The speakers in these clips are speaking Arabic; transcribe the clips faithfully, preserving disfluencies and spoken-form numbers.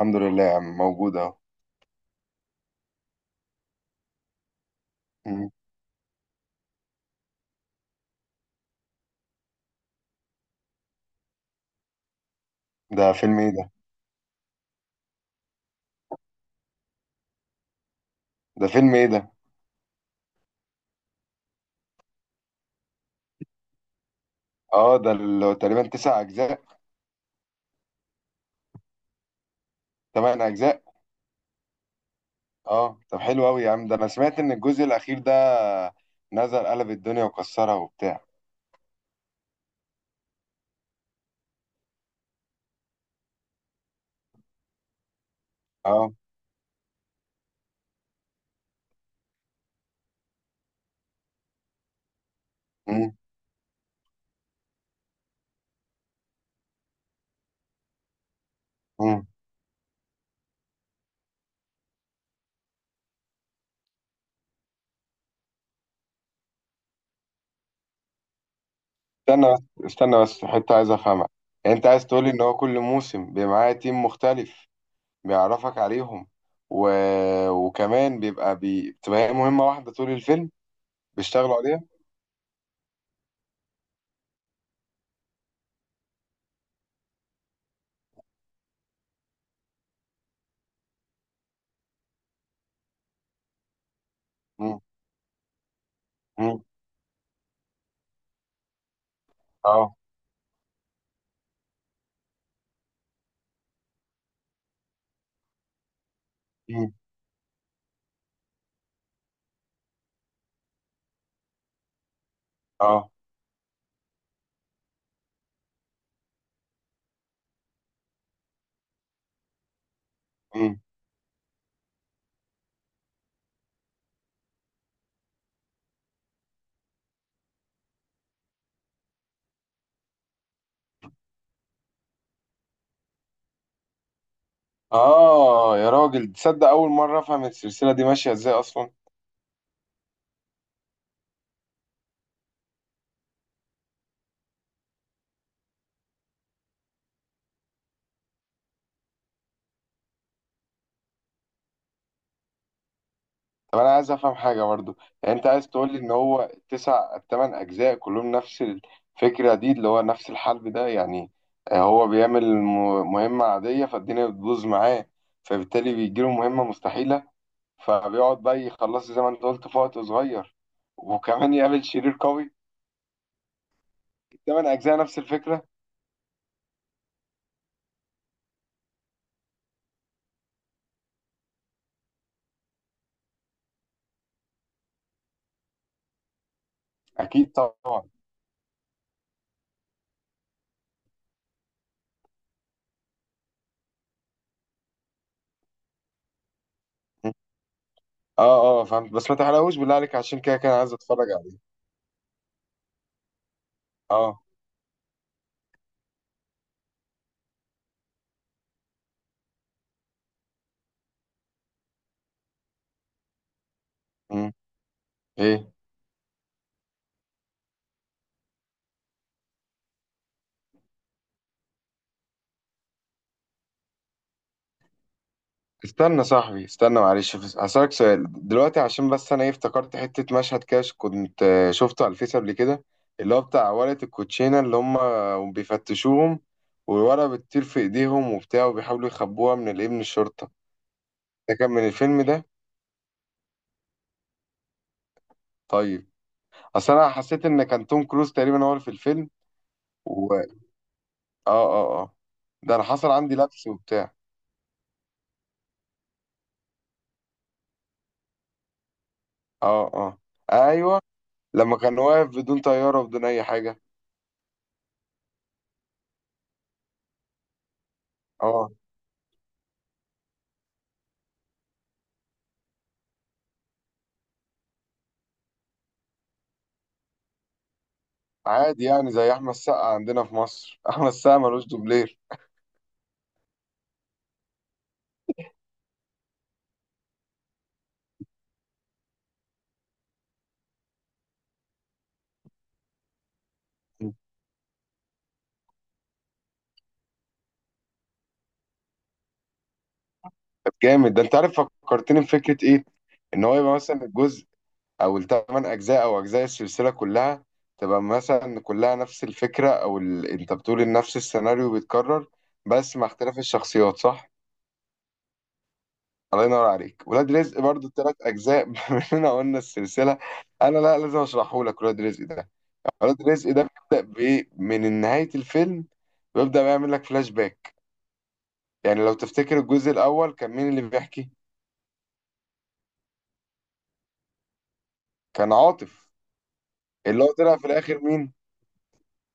الحمد لله يا عم، موجود اهو. مم. ده فيلم ايه ده؟ ده فيلم ايه ده اه، ده اللي هو تقريبا تسع اجزاء. تمن اجزاء. اه، طب حلو قوي يا عم، ده انا سمعت ان الجزء الاخير ده نزل قلب الدنيا وكسرها وبتاع. اه. مم. مم. استنى بس استنى بس، حتة عايز افهمها. يعني انت عايز تقولي ان هو كل موسم بيبقى معاه تيم مختلف، بيعرفك عليهم، و... وكمان بيبقى بي... بتبقى هي مهمة واحدة طول الفيلم بيشتغلوا عليها. مم. مم. اه. مم. اه. مم. آه يا راجل، تصدق أول مرة أفهم السلسلة دي ماشية إزاي أصلا. طب أنا عايز أفهم حاجة برضو. يعني أنت عايز تقول لي إن هو التسع التمن أجزاء كلهم نفس الفكرة دي، اللي هو نفس الحلب ده يعني. آه، هو بيعمل م- مهمة عادية فالدنيا بتبوظ معاه، فبالتالي بيجيله مهمة مستحيلة، فبيقعد بقى يخلصها زي ما أنت قلت في وقت صغير، وكمان يقابل شرير قوي. التمن أجزاء نفس الفكرة. أكيد طبعا. اه اه، فهمت، بس ما تحرقوش بالله عليك، عشان كده كان عايز اتفرج عليه. اه. مم. ايه. استنى صاحبي، استنى معلش، بس هسألك سؤال دلوقتي، عشان بس انا ايه افتكرت حتة مشهد كده كنت آه، شفته على الفيس قبل كده. اللي هو بتاع ورقة الكوتشينة اللي هم بيفتشوهم، والورقة بتطير في ايديهم وبتاع، وبيحاولوا يخبوها من الايه، من الشرطة. ده كان من الفيلم ده؟ طيب. اصل انا حسيت ان كان توم كروز تقريبا هو اللي في الفيلم. و اه اه اه. ده انا حصل عندي لبس وبتاع. اه اه. ايوه، لما كان واقف بدون طيارة وبدون اي حاجة. اه. عادي يعني، زي احمد السقا عندنا في مصر احمد السقا ملوش دوبلير. طب جامد، ده انت عارف فكرتني بفكره ايه. ان هو يبقى مثلا الجزء، او الثمان اجزاء او اجزاء السلسله كلها تبقى مثلا كلها نفس الفكره، او ال... انت بتقول ان نفس السيناريو بيتكرر بس مع اختلاف الشخصيات، صح؟ الله ينور عليك، ولاد رزق برضو الثلاث اجزاء مننا قلنا السلسله، انا لا لازم اشرحه لك ولاد رزق ده. ولاد رزق ده بيبدا بايه؟ من نهايه الفيلم، بيبدا بيعمل لك فلاش باك. يعني لو تفتكر، الجزء الأول كان مين اللي بيحكي؟ كان عاطف. اللي هو طلع في الآخر مين؟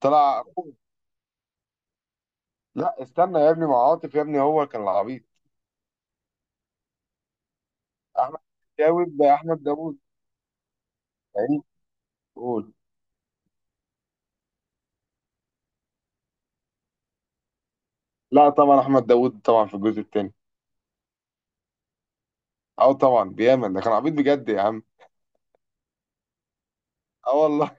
طلع أخوه. لا استنى يا ابني، مع عاطف يا ابني، هو كان العبيط. أحمد. جاوب أحمد داوود. يعني. قول. لا طبعا، أحمد داوود طبعا، في الجزء التاني. أو طبعا بيامن ده كان عبيط بجد يا عم. اه والله.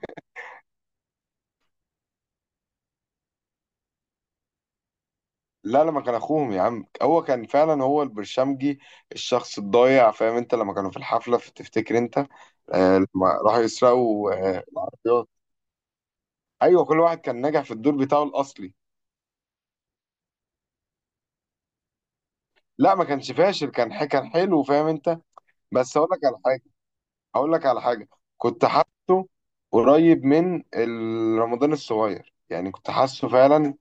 لا، لما كان اخوهم يا عم، هو كان فعلا هو البرشمجي، الشخص الضايع. فاهم انت، لما كانوا في الحفله، في تفتكر انت؟ آه، لما راحوا يسرقوا آه العربيات. ايوه، كل واحد كان ناجح في الدور بتاعه الاصلي. لا، ما كانش فاشل، كان ح- كان حلو، فاهم انت. بس اقول لك على حاجه. اقول لك على حاجه. كنت حاسه قريب من ال- رمضان الصغير، يعني كنت حاسه فعلا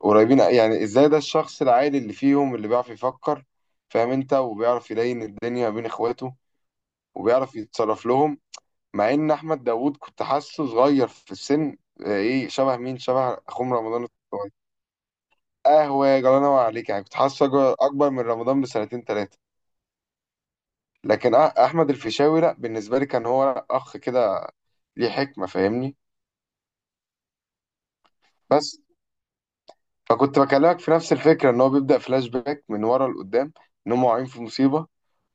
قريبين. يعني ازاي؟ ده الشخص العادي اللي فيهم اللي بيعرف يفكر، فاهم انت، وبيعرف يلين الدنيا بين اخواته، وبيعرف يتصرف لهم. مع ان احمد داوود كنت حاسه صغير في السن، اه، ايه، شبه مين؟ شبه اخوه رمضان الصغير. قهوه يا جلاله عليك، يعني كنت حاسه اكبر، أكبر من رمضان بسنتين ثلاثه. لكن أ- احمد الفيشاوي لا، بالنسبه لي كان هو اخ كده، ليه حكمه، فاهمني. بس، فكنت بكلمك في نفس الفكره، ان هو بيبدا فلاش باك من ورا لقدام، ان هم واقعين في مصيبه،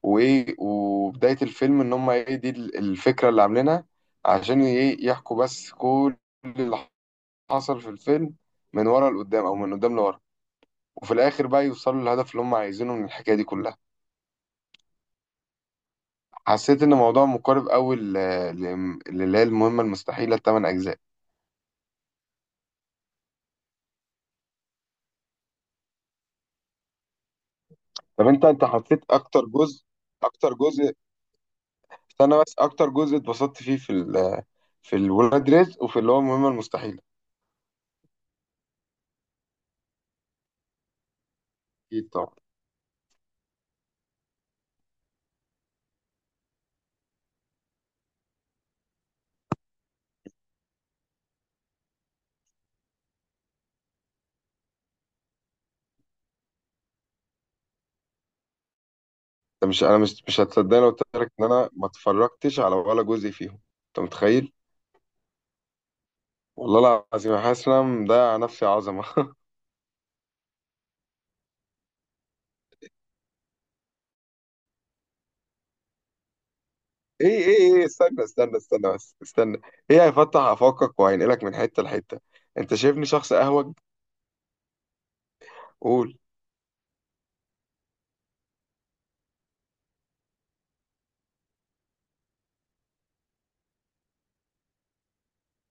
وايه، وبدايه الفيلم ان هم ايه، دي ال- الفكره اللي عاملينها، عشان ايه يحكوا بس كل اللي حصل في الفيلم من ورا لقدام او من قدام لورا، وفي الاخر بقى يوصلوا للهدف اللي هم عايزينه من الحكايه دي كلها. حسيت ان الموضوع مقارب قوي للي هي المهمه المستحيله الثمان اجزاء. طب انت، انت حسيت اكتر جزء، اكتر جزء، استنى بس، اكتر جزء اتبسطت فيه في ال... في الولاد رزق وفي اللي هو المهمه المستحيله؟ اكيد طبعا. انت مش، انا مش مش هتصدقني لو قلت لك ان انا ما اتفرجتش على ولا جزء فيهم. انت متخيل؟ والله العظيم أنا حاسس ان انا مضيع نفسي عظمه. ايه ايه ايه، استنى استنى استنى بس، استنى. ايه هيفتح افاقك وهينقلك من حته لحته؟ انت شايفني شخص اهوج؟ قول.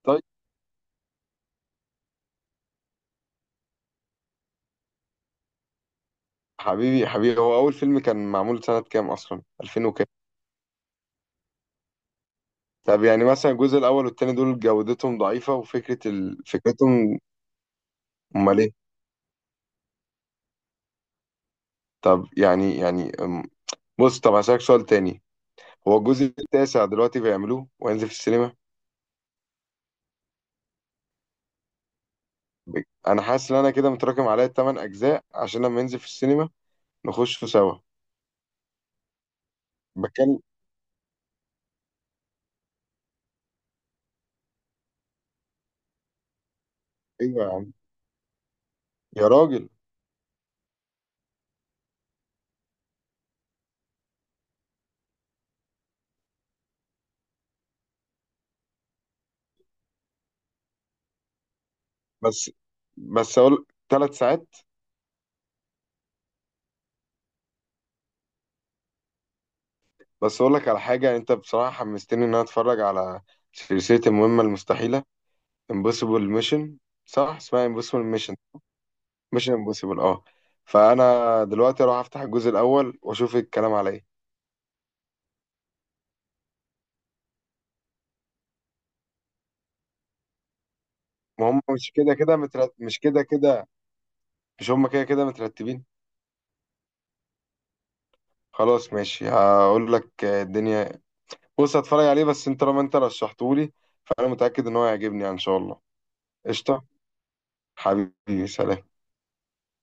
طيب. حبيبي حبيبي، هو اول فيلم كان معمول سنه كام اصلا؟ ألفين؟ طب يعني مثلا الجزء الأول والتاني دول جودتهم ضعيفة وفكرة ال... فكرتهم. أمال إيه؟ طب يعني، يعني أم، بص، طب هسألك سؤال تاني. هو الجزء التاسع دلوقتي بيعملوه وينزل في السينما؟ ب- أنا حاسس إن أنا كده متراكم عليا التمن أجزاء، عشان لما ينزل في السينما نخشه سوا. بتكلم. أيوه يا عم. يا راجل. بس، بس أقول ثلاث ساعات؟ بس أقول لك على حاجة، أنت بصراحة حمستني إن أنا أتفرج على سلسلة المهمة المستحيلة. Impossible Mission. صح اسمها Impossible Mission؟ مش امبوسيبل. اه، فانا دلوقتي اروح افتح الجزء الاول واشوف الكلام على ايه. ما هم مش كده كده مترت... مش كده كده، مش هم كده كده مترتبين؟ خلاص ماشي، هقول لك آه، الدنيا. بص هتفرج عليه، بس انت طالما انت رشحتهولي، فانا متاكد ان هو هيعجبني يعني، ان شاء الله. قشطه. حبيبي، سلام.